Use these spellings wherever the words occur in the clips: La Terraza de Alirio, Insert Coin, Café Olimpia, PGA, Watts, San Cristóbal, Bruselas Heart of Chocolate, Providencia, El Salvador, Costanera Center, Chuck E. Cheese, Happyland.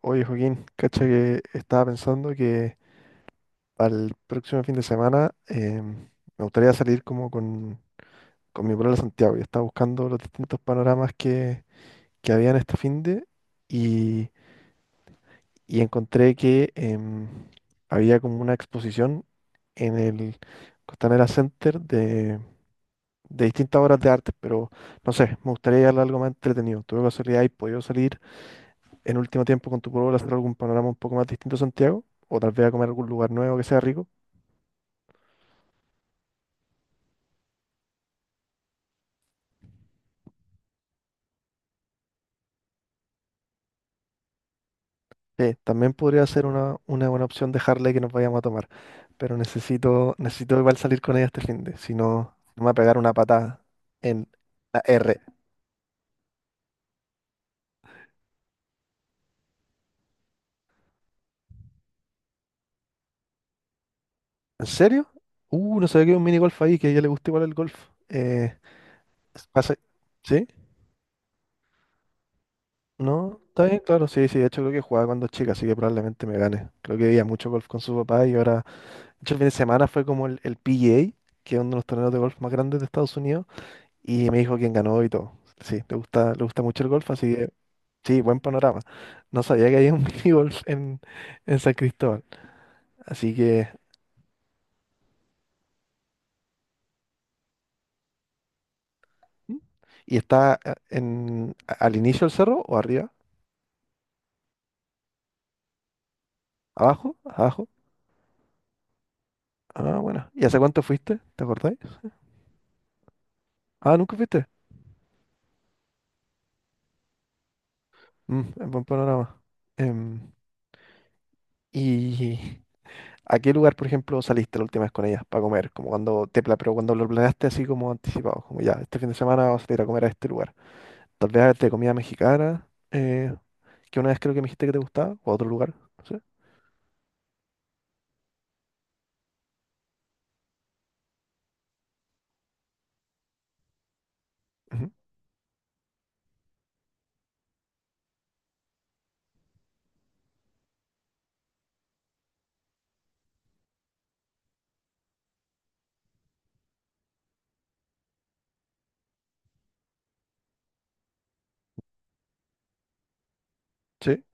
Oye, Joaquín, cacha que estaba pensando que para el próximo fin de semana me gustaría salir con mi pueblo a Santiago. Yo estaba buscando los distintos panoramas que había en este fin de y, y encontré que había como una exposición en el Costanera Center de distintas obras de arte, pero no sé, me gustaría llevarla algo más entretenido. ¿Tuve casualidad y podido salir? En último tiempo con tu pueblo hacer algún panorama un poco más distinto a Santiago, o tal vez a comer a algún lugar nuevo que sea rico. También podría ser una buena opción dejarle que nos vayamos a tomar. Pero necesito igual salir con ella este fin de, si no, si no me va a pegar una patada en la R. ¿En serio? No sabía que había un mini golf ahí, que a ella le gusta igual el golf. Eh, pasa- ¿Sí? ¿No? ¿Está bien? Claro, sí, sí. De hecho, creo que jugaba cuando chica, así que probablemente me gane. Creo que veía mucho golf con su papá y ahora yo el fin de semana fue como el PGA, que es uno de los torneos de golf más grandes de Estados Unidos, y me dijo quién ganó y todo. Sí, le gusta mucho el golf, así que sí, buen panorama. No sabía que había un mini golf en San Cristóbal. Así que. ¿Mm? ¿Y está al inicio del cerro o arriba? ¿Abajo? ¿Abajo? Ah, bueno. ¿Y hace cuánto fuiste? ¿Te acordáis? Ah, ¿nunca fuiste? Mm, es buen panorama. Em, y ¿a qué lugar, por ejemplo, saliste la última vez con ellas para comer? Como cuando te pero cuando lo planeaste así como anticipado, como ya, este fin de semana vas a ir a comer a este lugar. Tal vez de comida mexicana, que una vez creo que me dijiste que te gustaba, o a otro lugar, no sé. Ujú. Sí.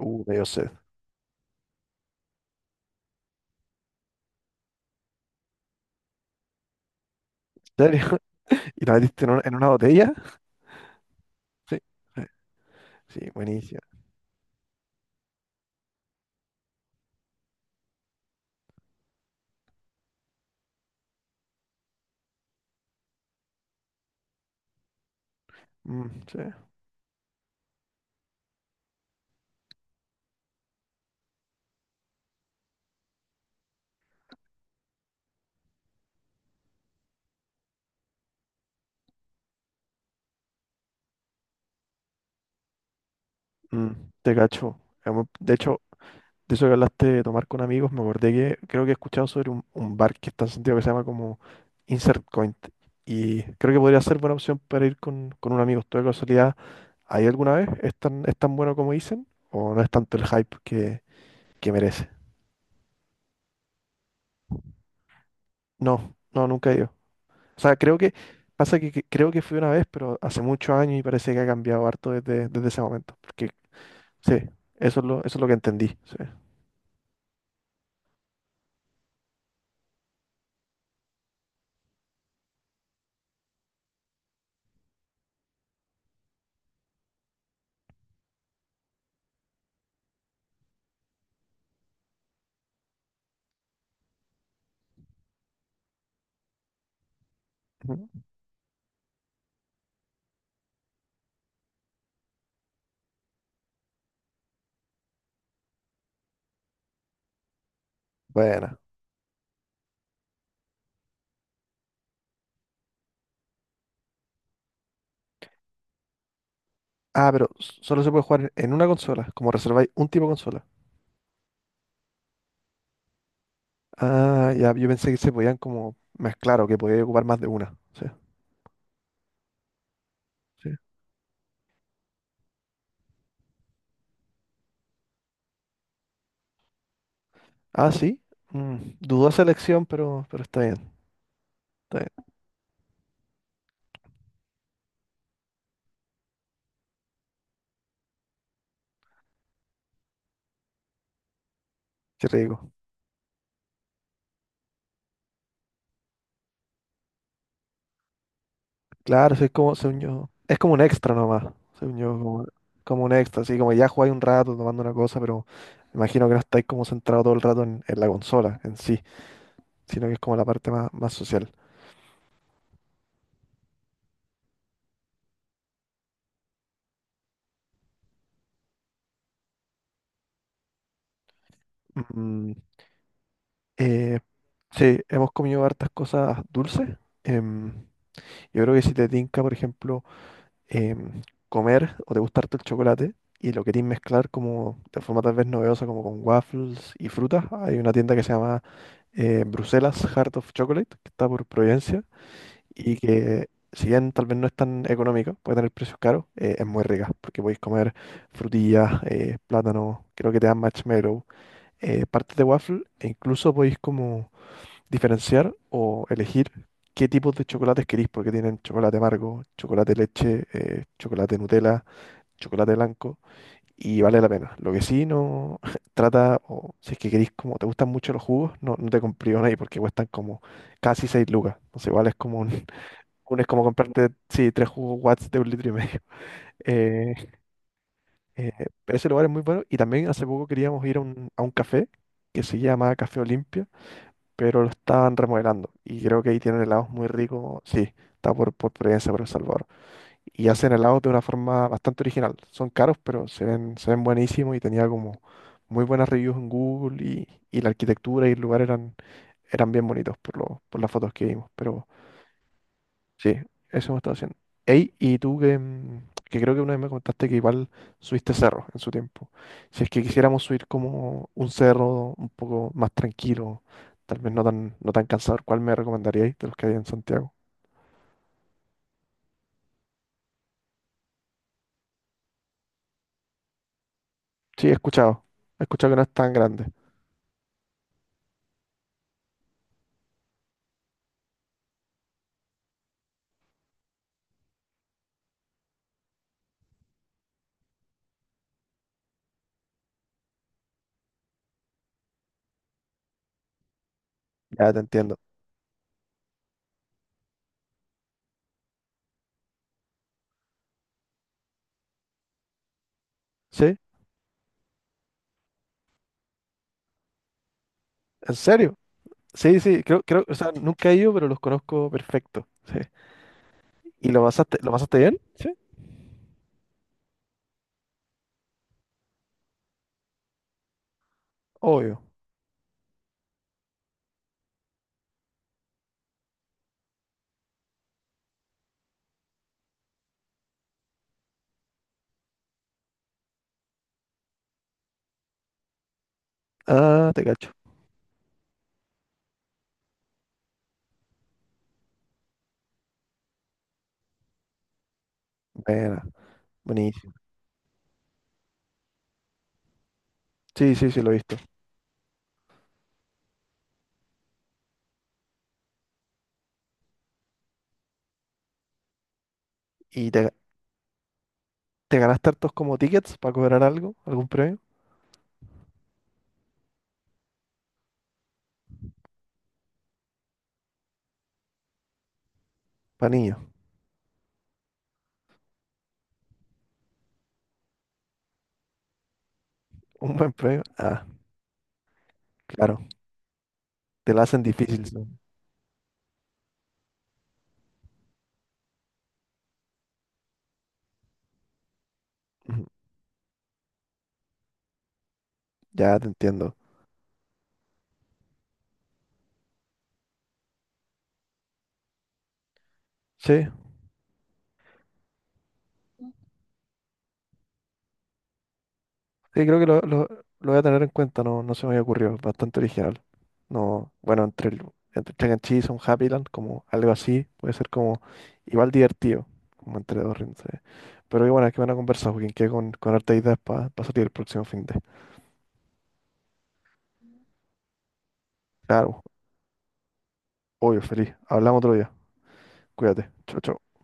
Me dio sed. ¿En serio? ¿Y la metiste en en una botella? Sí. Sí, sí, buenísima. Mm, sí. Mm, te cacho. De hecho, de eso que hablaste de tomar con amigos, me acordé que creo que he escuchado sobre un bar que está en Santiago que se llama como Insert Coin. Y creo que podría ser buena opción para ir con un amigo. ¿Tú de casualidad ahí alguna vez? Es tan bueno como dicen? ¿O no es tanto el hype que merece? No, no, nunca he ido. O sea, creo que que creo que fui una vez, pero hace muchos años y parece que ha cambiado harto desde ese momento. Porque sí, eso es lo que entendí. Sí. Ujú. Buena. Ah, pero solo se puede jugar en una consola, como reserváis un tipo de consola. Ah, ya, yo pensé que se podían como mezclar o que podía ocupar más de una. Sí, sí. Ah, sí. Mm, dudosa elección, pero está bien. Está bien. Qué rico. Claro, sí, es como, según yo, es como un extra nomás. Según yo, como, como un extra, así como ya jugáis un rato tomando una cosa, pero imagino que no estáis como centrado todo el rato en la consola en sí, sino que es como la parte más, más social. Mm. Eh, sí, hemos comido hartas cosas dulces. Em, yo creo que si te tinca, por ejemplo, em, comer o te gusta harto el chocolate y lo querís mezclar como de forma tal vez novedosa, como con waffles y frutas, hay una tienda que se llama Bruselas Heart of Chocolate, que está por Providencia, y que si bien tal vez no es tan económica, puede tener precios caros, es muy rica, porque podéis comer frutillas, plátano, creo que te dan marshmallow, partes de waffle, e incluso podéis como diferenciar o elegir qué tipos de chocolates queréis, porque tienen chocolate amargo, chocolate leche, chocolate Nutella, chocolate blanco, y vale la pena. Lo que sí no trata, o si es que queréis, como te gustan mucho los jugos, no, no te complican ahí, porque cuestan como casi 6 lucas. Entonces igual es como un, es como comprarte, sí, tres jugos Watts de un litro y medio. Eh, eh, Ese lugar es muy bueno, y también hace poco queríamos ir a a un café que se llama Café Olimpia pero lo estaban remodelando. Y creo que ahí tienen helados muy ricos. Sí, está por Providencia, por El Salvador. Y hacen helados de una forma bastante original. Son caros, pero se ven buenísimos y tenía como muy buenas reviews en Google y la arquitectura y el lugar eran bien bonitos por las fotos que vimos. Pero sí, eso me estaba haciendo. Ey, y tú que, mm, que creo que una vez me contaste que igual subiste cerro en su tiempo. Si es que quisiéramos subir como un cerro un poco más tranquilo, tal vez no tan, no tan cansador, ¿cuál me recomendaríais de los que hay en Santiago? Sí, he escuchado. He escuchado que no es tan grande. Ya te entiendo. ¿Sí? ¿En serio? Sí, sí, creo, creo, o sea, nunca he ido, pero los conozco perfecto. Sí. ¿Y lo pasaste bien? Sí. Obvio. Ah, te cacho. Buena, buenísimo. Sí, sí, sí, lo he visto. Y te, ¿te ganaste hartos como tickets para cobrar algo? ¿Algún premio? Para niños. ¿Un buen premio? Ah, claro. Te la hacen difícil. Sí. Ujú. Ya te entiendo. Sí, sí, creo que lo voy a tener en cuenta. No, no se me había ocurrido. Bastante original. No, bueno, entre entre Chuck E. Cheese, un Happyland, como algo así, puede ser como igual divertido, como entre dos rindes. Sí. Pero qué buena, van a conversar Joaquín, que con hartas ideas para salir el próximo fin de. Claro, obvio, feliz. Hablamos otro día. Cuídate. Chau, chau.